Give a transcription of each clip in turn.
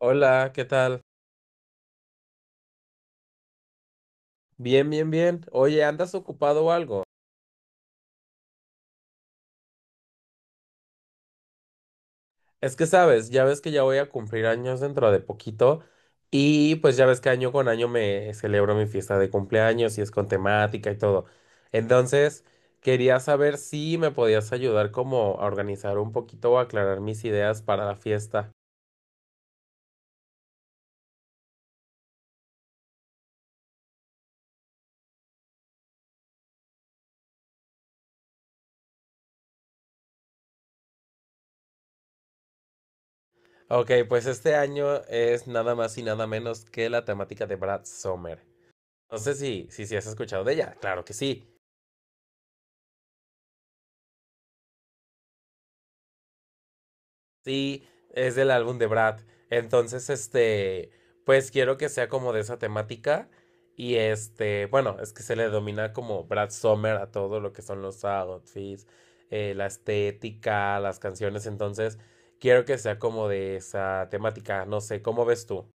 Hola, ¿qué tal? Bien, bien, bien. Oye, ¿andas ocupado o algo? Es que sabes, ya ves que ya voy a cumplir años dentro de poquito y pues ya ves que año con año me celebro mi fiesta de cumpleaños y es con temática y todo. Entonces, quería saber si me podías ayudar como a organizar un poquito o aclarar mis ideas para la fiesta. Ok, pues este año es nada más y nada menos que la temática de Brad Sommer. No sé si has escuchado de ella, claro que sí. Sí, es del álbum de Brad. Entonces, pues quiero que sea como de esa temática. Y este, bueno, es que se le domina como Brad Summer a todo lo que son los outfits, la estética, las canciones. Entonces, quiero que sea como de esa temática. No sé, ¿cómo ves tú?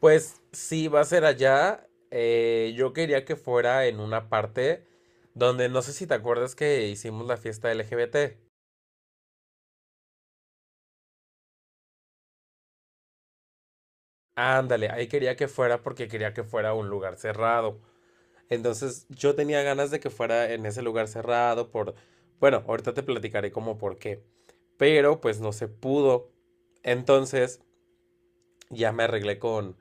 Pues sí, va a ser allá. Yo quería que fuera en una parte donde no sé si te acuerdas que hicimos la fiesta LGBT. Ándale, ahí quería que fuera porque quería que fuera un lugar cerrado. Entonces yo tenía ganas de que fuera en ese lugar cerrado Bueno, ahorita te platicaré como por qué. Pero pues no se pudo. Entonces ya me arreglé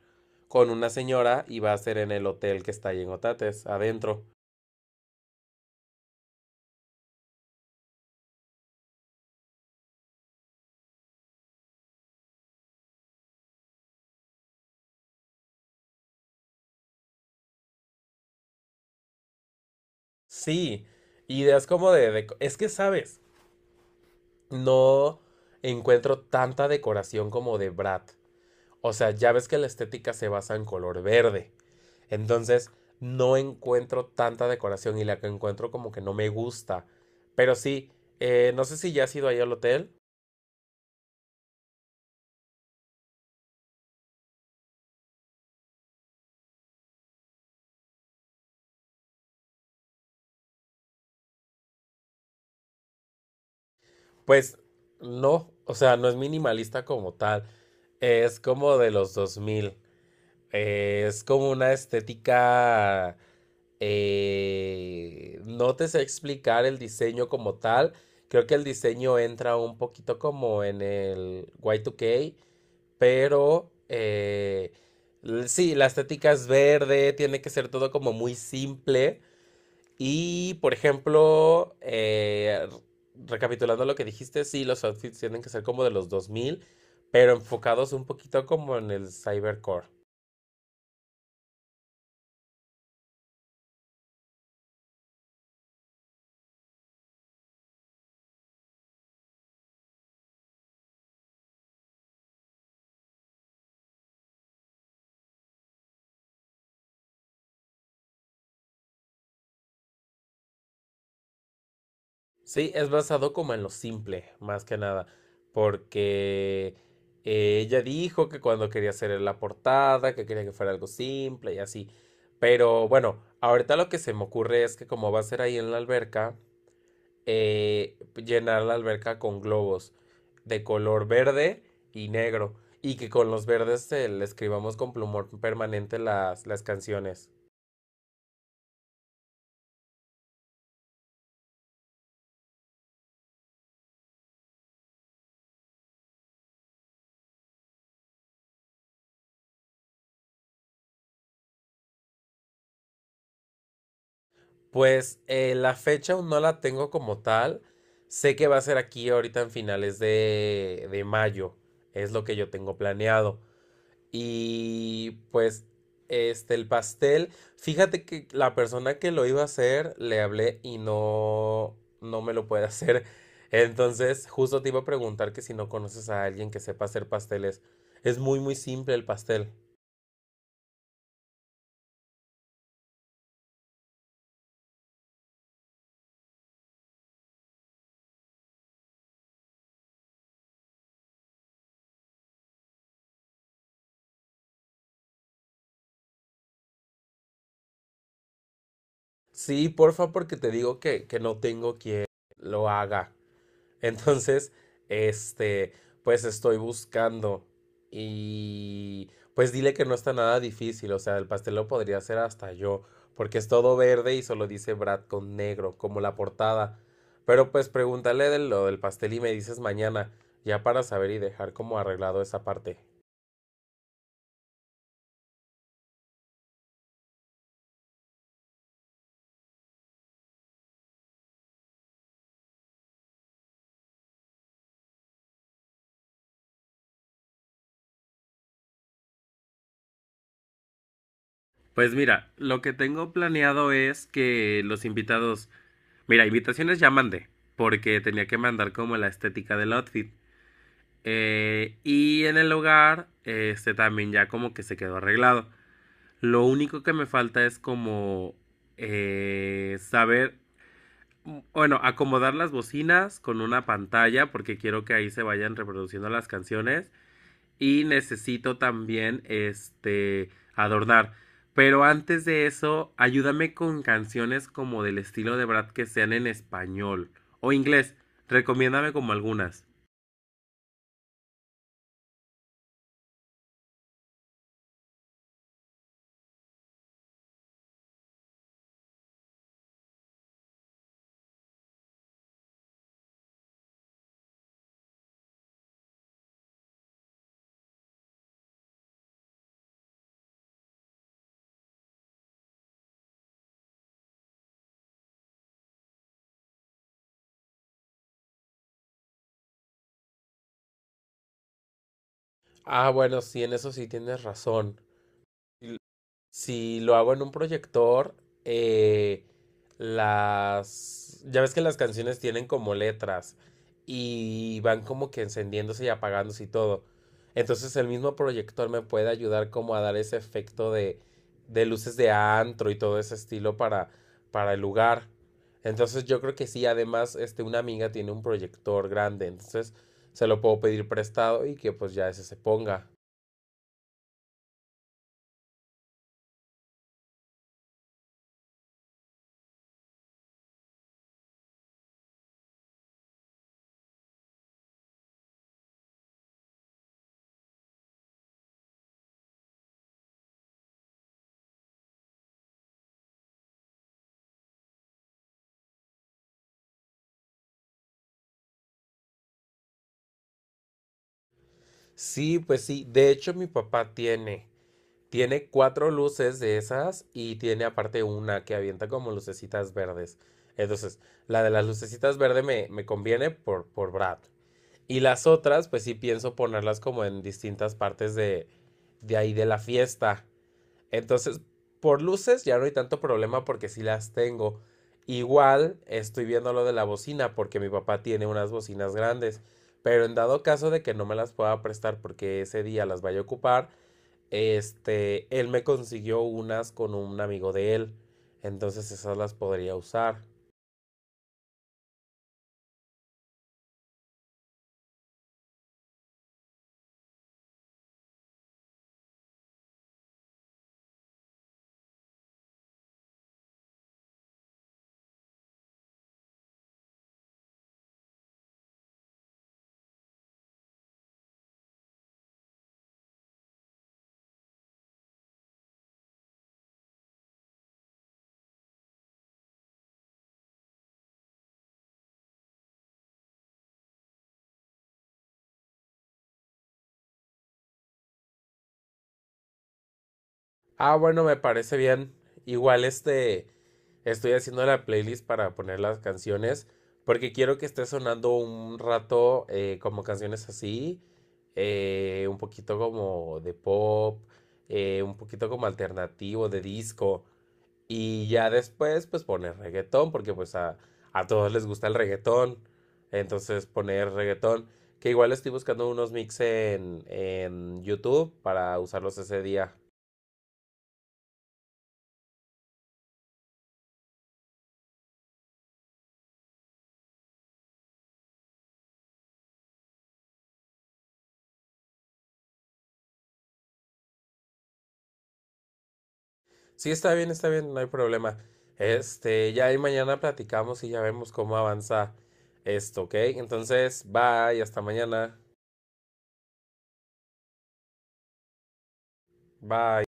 con una señora y va a ser en el hotel que está ahí en Otates, adentro. Sí, ideas como de... es que, ¿sabes? No encuentro tanta decoración como de Brat. O sea, ya ves que la estética se basa en color verde. Entonces, no encuentro tanta decoración y la que encuentro como que no me gusta. Pero sí, no sé si ya has ido ahí al hotel. Pues no, o sea, no es minimalista como tal. Es como de los 2000. Es como una estética... no te sé explicar el diseño como tal. Creo que el diseño entra un poquito como en el Y2K. Pero sí, la estética es verde, tiene que ser todo como muy simple. Y, por ejemplo, recapitulando lo que dijiste, sí, los outfits tienen que ser como de los 2000 pero enfocados un poquito como en el cybercore. Sí, es basado como en lo simple, más que nada, porque ella dijo que cuando quería hacer la portada, que quería que fuera algo simple y así. Pero bueno, ahorita lo que se me ocurre es que como va a ser ahí en la alberca, llenar la alberca con globos de color verde y negro, y que con los verdes le escribamos con plumón permanente las canciones. Pues la fecha aún no la tengo como tal. Sé que va a ser aquí ahorita en finales de mayo. Es lo que yo tengo planeado. Y pues el pastel. Fíjate que la persona que lo iba a hacer, le hablé y no me lo puede hacer. Entonces, justo te iba a preguntar que si no conoces a alguien que sepa hacer pasteles. Es muy, muy simple el pastel. Sí, porfa, porque te digo que no tengo quien lo haga. Entonces, este, pues estoy buscando y pues dile que no está nada difícil, o sea, el pastel lo podría hacer hasta yo, porque es todo verde y solo dice Brad con negro, como la portada. Pero pues pregúntale de lo del pastel y me dices mañana, ya para saber y dejar como arreglado esa parte. Pues mira, lo que tengo planeado es que los invitados... Mira, invitaciones ya mandé, porque tenía que mandar como la estética del outfit. Y en el hogar, este también ya como que se quedó arreglado. Lo único que me falta es como saber, bueno, acomodar las bocinas con una pantalla porque quiero que ahí se vayan reproduciendo las canciones y necesito también este adornar. Pero antes de eso, ayúdame con canciones como del estilo de Brad que sean en español o inglés. Recomiéndame como algunas. Ah, bueno, sí, en eso sí tienes razón. l- si lo hago en un proyector, eh, las... Ya ves que las canciones tienen como letras y van como que encendiéndose y apagándose y todo. Entonces el mismo proyector me puede ayudar como a dar ese efecto de luces de antro y todo ese estilo para el lugar. Entonces yo creo que sí, además, una amiga tiene un proyector grande, entonces se lo puedo pedir prestado y que pues ya ese se ponga. Sí, pues sí. De hecho, mi papá tiene. Tiene 4 luces de esas y tiene aparte una que avienta como lucecitas verdes. Entonces, la de las lucecitas verdes me conviene por Brad. Y las otras, pues sí pienso ponerlas como en distintas partes de ahí de la fiesta. Entonces, por luces ya no hay tanto problema porque sí las tengo. Igual estoy viendo lo de la bocina porque mi papá tiene unas bocinas grandes. Pero en dado caso de que no me las pueda prestar porque ese día las vaya a ocupar, él me consiguió unas con un amigo de él. Entonces esas las podría usar. Ah, bueno, me parece bien. Igual estoy haciendo la playlist para poner las canciones. Porque quiero que esté sonando un rato como canciones así. Un poquito como de pop. Un poquito como alternativo, de disco. Y ya después, pues poner reggaetón, porque pues a todos les gusta el reggaetón. Entonces poner reggaetón, que igual estoy buscando unos mix en YouTube para usarlos ese día. Sí, está bien, no hay problema. Este, ya ahí mañana platicamos y ya vemos cómo avanza esto, ¿ok? Entonces, bye, hasta mañana. Bye.